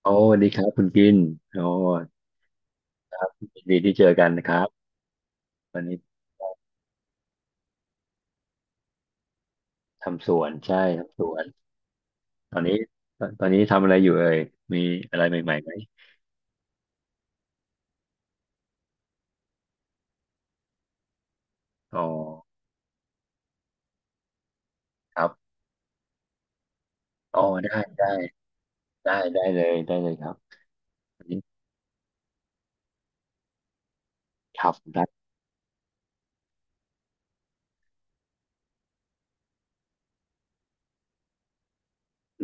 โอ้สวัสดีครับคุณกินโอ้ยินดีที่เจอกันนะครับวันนี้ทำสวนใช่ทำสวนตอนนี้ตอนนี้ทำอะไรอยู่เอ่ยมีอะไรใหม่ๆไหมอ๋อครับอ๋อได้ได้ได้ได้เลยครับอันนี้ครับได้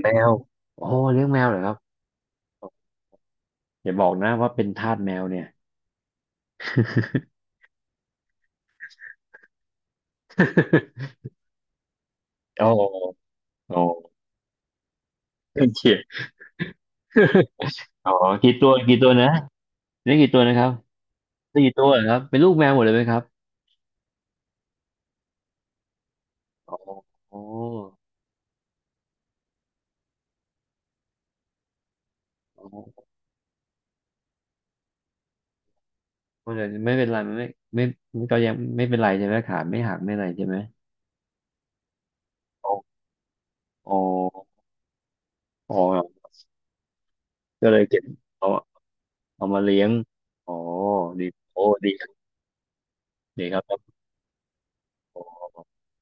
แมวโอ้เลี้ยงแมวเหรอครับอย่าบอกนะว่าเป็นทาสแมวเนี่ย โอ้โอ้เฉียด อ๋อกี่ตัวนะเลี้ยงกี่ตัวนะครับไ้กี่ตัวเหรอครับเป็นลูกแมวหมดเลยไหมครับอ๋ออ๋อ มันจะไม่เป็นไรมันไม่ไม่ไมัก็ยังไม่เป็นไรใช่ไหมขาไม่หักไม่อะไรใช่ไหมอ๋ออ๋ออ๋อครับก็เลยเก็บเอาเอามาเลี้ยงอ๋อดีโอ้ดีครับดีครับครับอ๋อ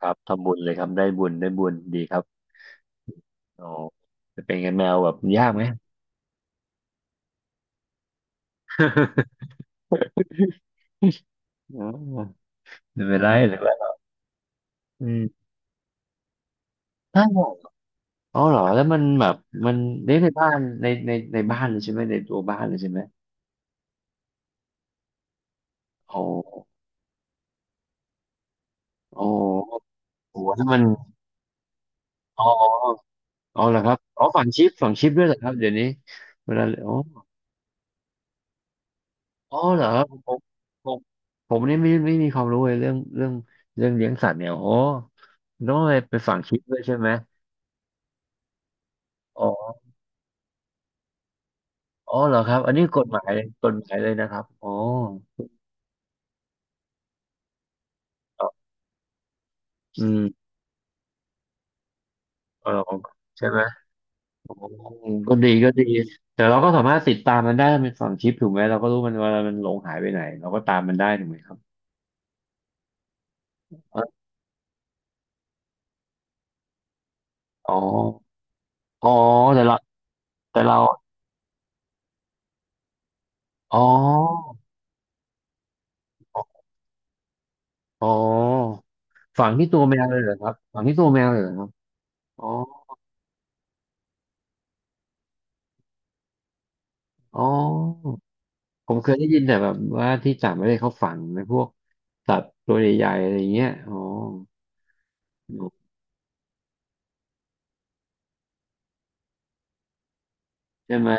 ครับทำบุญเลยครับได้บุญได้บุญดีครับอ๋อเป็นไงแมวแบบยากไหม อ๋อไม่เป็นไรหรือว่าอืมถ้าบอกอ๋อเหรอแล้วมันแบบมันเลี้ยงในบ้านในบ้านเลยใช่ไหมในตัวบ้านเลยใช่ไหมอ๋ออ๋อโอ้โหแล้วมันอ๋อ อ๋อเหรอครับอ๋อฝังชิปฝังชิปด้วยเหรอครับเดี๋ยวนี้เวลาอ๋ออ๋อเหรอครับผมผมนี่ไม่มีความรู้เลยเรื่องเลี้ยงสัตว์เนี่ยโอ้ต้องไปไปฝังชิปด้วยใช่ไหมอ๋ออ๋อเหรอครับอันนี้กฎหมายกฎหมายเลยนะครับ อ๋ออ๋ออืมเออใช่ไหมอ๋อก็ดีก็ดีแต่เราก็สามารถติดตามมันได้เป็นฝังชิปถูกไหมเราก็รู้มันเวลามันหลงหายไปไหนเราก็ตามมันได้ถูกไหมครับอ๋ออ๋อแต่เราแต่เราอ๋อ อ๋อฝังที่ตัวแมวเลยเหรอครับฝังที่ตัวแมวเลยเหรอครับอ๋ออ๋อผมเคยได้ยินแต่แบบว่าที่ต่างประเทศเขาฝังในพวกสัตว์ตัวใหญ่ๆอะไรเงี้ยอ๋อใช่ไหม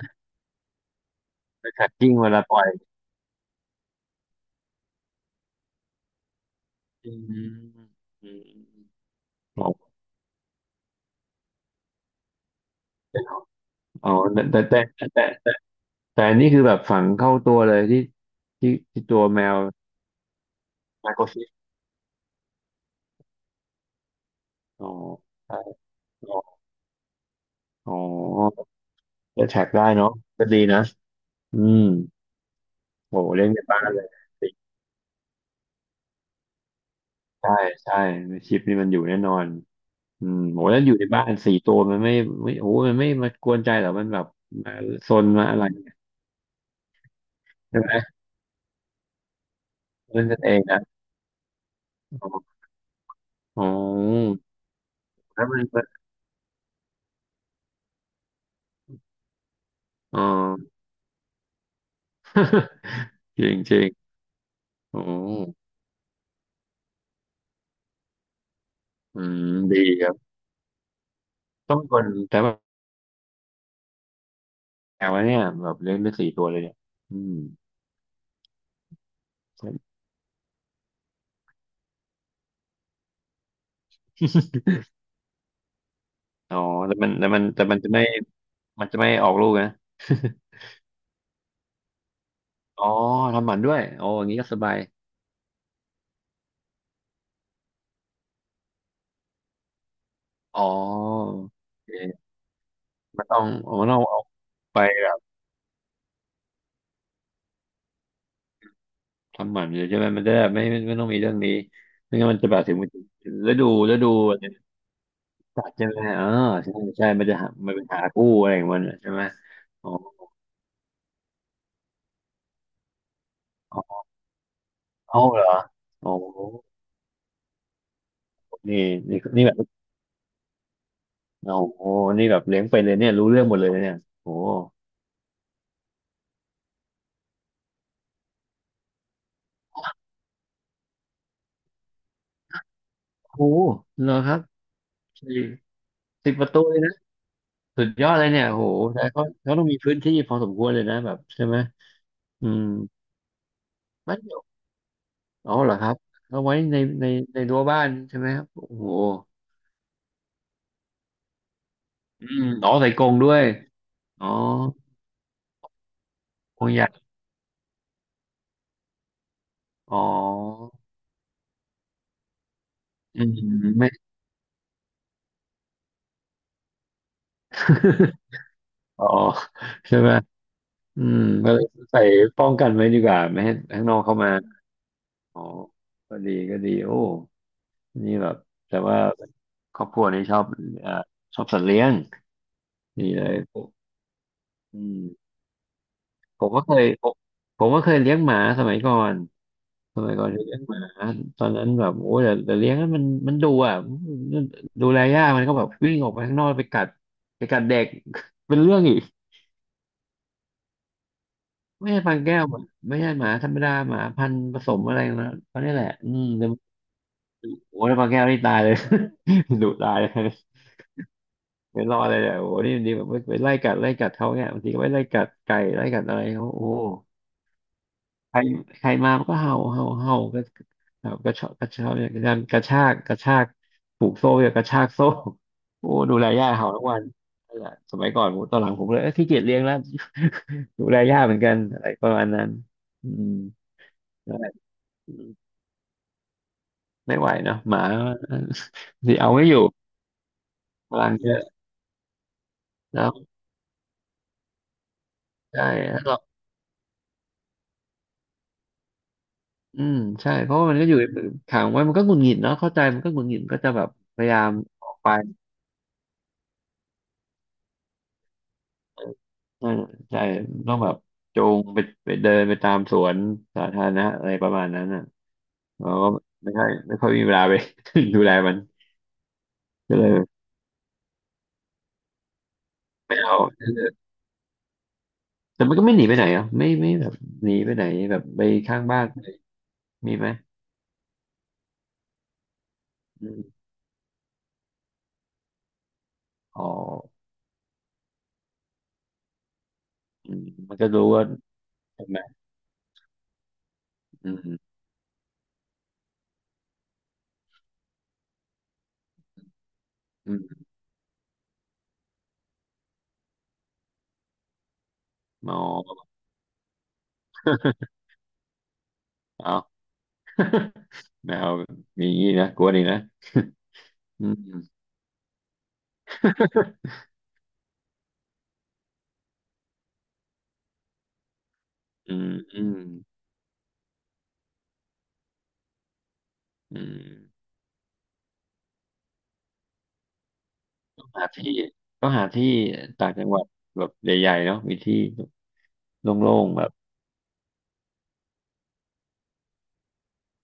ไปขัดกิ้งเวลาปล่อยอืมอืมอ๋ออ๋อแต่อันนี่คือแบบฝังเข้าตัวเลยที่ตัวแมวไมโครชิปอ๋อใช่อ๋ออ๋อจะแท็กได้เนาะก็ดีนะอืมโหเลี้ยงในบ้านเลย ใช่ใช่ชิปนี่มันอยู่แน่นอนอืมโหแล้วอยู่ในบ้านสี่ตัวมันไม่โอ้มันไม่มากวนใจเหรอมันแบบมาซนมาอะไรใช่ไหมเล่นกันเองนะอ๋ออ๋อแล้วมันมอ๋อจริงจริงอ๋ออืมดีครับต้องคนแต่ว่าแมวเนี่ยแบบเลี้ยงได้สี่ตัวเลยเนี่ยอืมอ๋อแต่มันจะไม่มันจะไม่ออกลูกนะอ๋อทำหมันด้วยโอ้อย่างนี้ก็สบายอ๋อโอเคมันต้องมันต้องเอาไป ทำหมันเลยใช่ไหมมันจะได้ไม่ต้องมีเรื่องนี้ไม่งั้นมันจะแบบถึงมันถึงฤดูฤดูอะไรสัตว์ใช่ไหมเออใช่ใช่มันจะหามันเป็นหากู้อะไรของมันอะใช่ไหมอ๋ออ๋อเอาเหรอโอ้โหนี่นี่แบบโอ้โหนี่แบบเลี้ยงไปเลยเนี่ยรู้เรื่องหมดเลยเนี่ยโอ้โหโอ้โหเหรอครับสี่สิบประตูเลยนะสุดยอดเลยเนี่ยโอ้โหแต่เขาต้องมีพื้นที่พอสมควรเลยนะแบบใช่ไหมอืมไม่เดี๋ยวอ๋อเหรอครับเอาไว้ในในในรั้วบ้านใช่ไหมครับโอ้โห อืมอ๋อใส่กรงด้วยอ๋อกรงใหญ่อ๋ออืมไม่ อ๋อใช่ไหมอืมก็เลยใส่ป้องกันไว้ดีกว่าไม่ให้ข้างนอกเข้ามาอ๋อก็ดีก็ดีโอ้นี่แบบแต่ว่าครอบครัวนี้ชอบเอ่อชอบสัตว์เลี้ยงนี่เลยผมอืมผมก็เคยผมก็เคยเลี้ยงหมาสมัยก่อน สมัยก่อนจะเลี้ยงหมาตอนนั้นแบบโอ้ยแต่เลี้ยงนั้นมันดูอ่ะดูแลยากมันก็แบบวิ่งออกไปข้างนอกไปกัดเด็ก เป็นเรื่องอีกไม่ใช่พันแก้วอะไม่ใช่หมาธรรมดาหมาพันธุ์ผสมอะไรนะเขาเนี่ยแหละอืมแต่โอ้ยแล้วพันแก้วนี่ตายเลย ดุตายเลยไม่รอดเลยเนี่ยโอ้โหนี่มันดีแบบไปไล่กัดเขาเนี่ยบางทีก็ไปไล่กัดไก่ไล่กัดอะไรเขาโอ้โห ใครมามันก็เห่าเห่าก็แบบกระชากเนี่างกันกระชากผูกโซ่เนีกระชากโซ่โอ้ดูแลย่าเห่าทุกวันนั่นแหละสมัยก่อนผมตอนหลังผมเลยเอ้ยขี้เกียจเลี้ยงแล้ว ดูแลย่าเหมือนกันอะไรประมาณนั้นอืมนั่นแหละอืมไม่ไหวเนาะหมา สิเอาไม่อยู่พลังเยอะแล้วใช่แล้วก็อืมใช่เพราะว่ามันก็อยู่ในขังไว้มันก็หงุดหงิดเนาะเข้าใจมันก็หงุดหงิดมันก็จะแบบพยายามออกไป ใช่าใช่ต้องแบบจูงไปไปเดินไปตามสวนสาธารณะอะไรประมาณนั้นอ่ะเราก็ไม่ค่อยไม่ค่อยมีเวลาไป ดูแลมันก็เลยไม่เอาแต่มันก็ไม่หนีไปไหนอ่ะไม่ไม่แบบหนีไปไหนแบบไปข้างบ้านมีไหมอืมอ๋ออืมมันก็รู้ว่าทำไมอืมอืมอ๋อ เอา แมวมีอย่างนี้นะกลัวนี่นะอืมอืมอืมอืม หาที่ก็หาที่ต่างจังหวัดแบบใหญ่ๆเนาะมีที่โล่งๆแบบ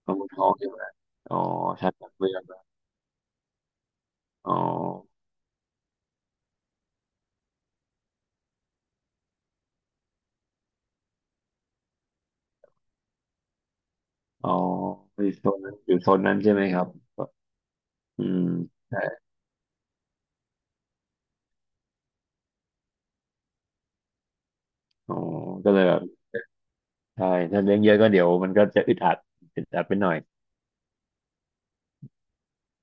ตรงท้องใช่ไหมอ๋อชานหลักเมืองเรอ๋ออ๋ออยู่โซนนั้นอยู่โซนนั้นใช่ไหมครับอืมใช่อ๋อก็เลยแบบใช่ถ้าเลี้ยงเยอะก็เดี๋ยวมันก็จะอึดอัดอึดอัดไปหน่อย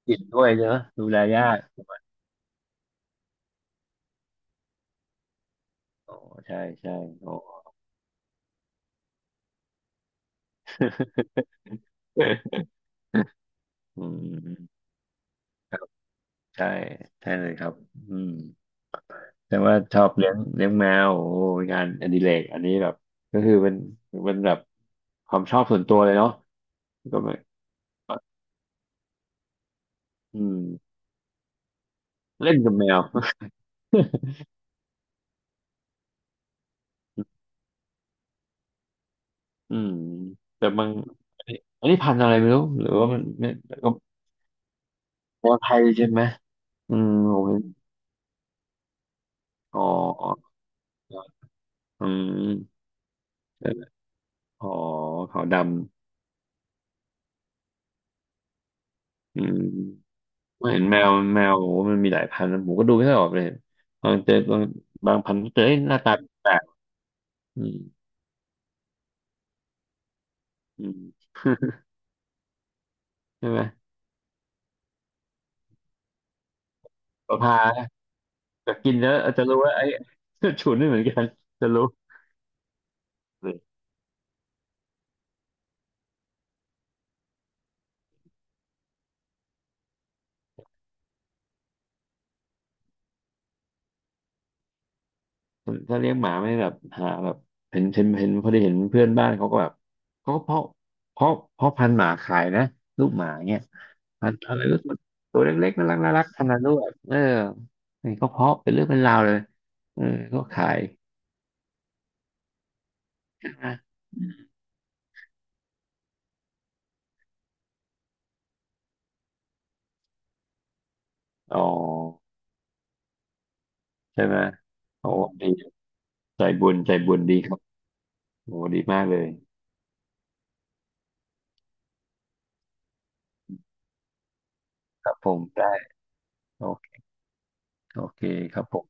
กินด้วยเนอะดูแลยากอ๋อใช่ใช่อ๋อ อืมครับใช่ใช่เลยครับอืม แต่ว่าชอบเลี้ยงเลี้ยงแมวโอ้ยงานอดิเรกอันนี้แบบก็คือเป็นเป็นแบบความชอบส่วนตัวเลยเนาะก็ไม่อืมเล่นกับแมว อืมแต่บางอันนี้อันนี้พันธุ์อะไรไม่รู้หรือว่ามันไม่ก็แมวไทยใช่ไหมอืมผมเห็นอ๋ออืมอ๋อขาวดำอืมผมเห็นแมวแมวโอ้มันมีหลายพันธุ์ผมก็ดูไม่ค่อยออกเลยบางเจอบางบางพันธุ์เจอเอ้ยหน้าตาแปลกอืมอืม ใช่ไหมประภาจะกินแล้วอาจจะรู้ว่าไอ้ ฉุนไม่เหมือนกันจะรู้เลยถ้าเลี้ยงหมาไม่แบบหาแบบเห็นเห็นเห็นพอดีเห็นเพื่อนบ้านเขาก็แบบเขาก็เพาะเพาะพันธุ์หมาขายนะลูกหมาเนี่ยพันธุ์อะไรก็ตัวเล็กๆน่ารักน่ารักพันธุ์ลูกแบบเออนี่ก็เพาะเป็นเรื่องเป็นราวเลยเออก็ขายใช่ไหมอ๋อใช่ไหมโอ้ดีใจบุญใจบุญดีครับโอ้ดีมากเลยครับผมได้โอเคโอเคครับผม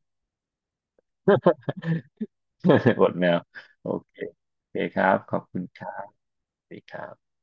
อดแมวโอเคโอเคครับขอบคุณครับสวัสดีครับ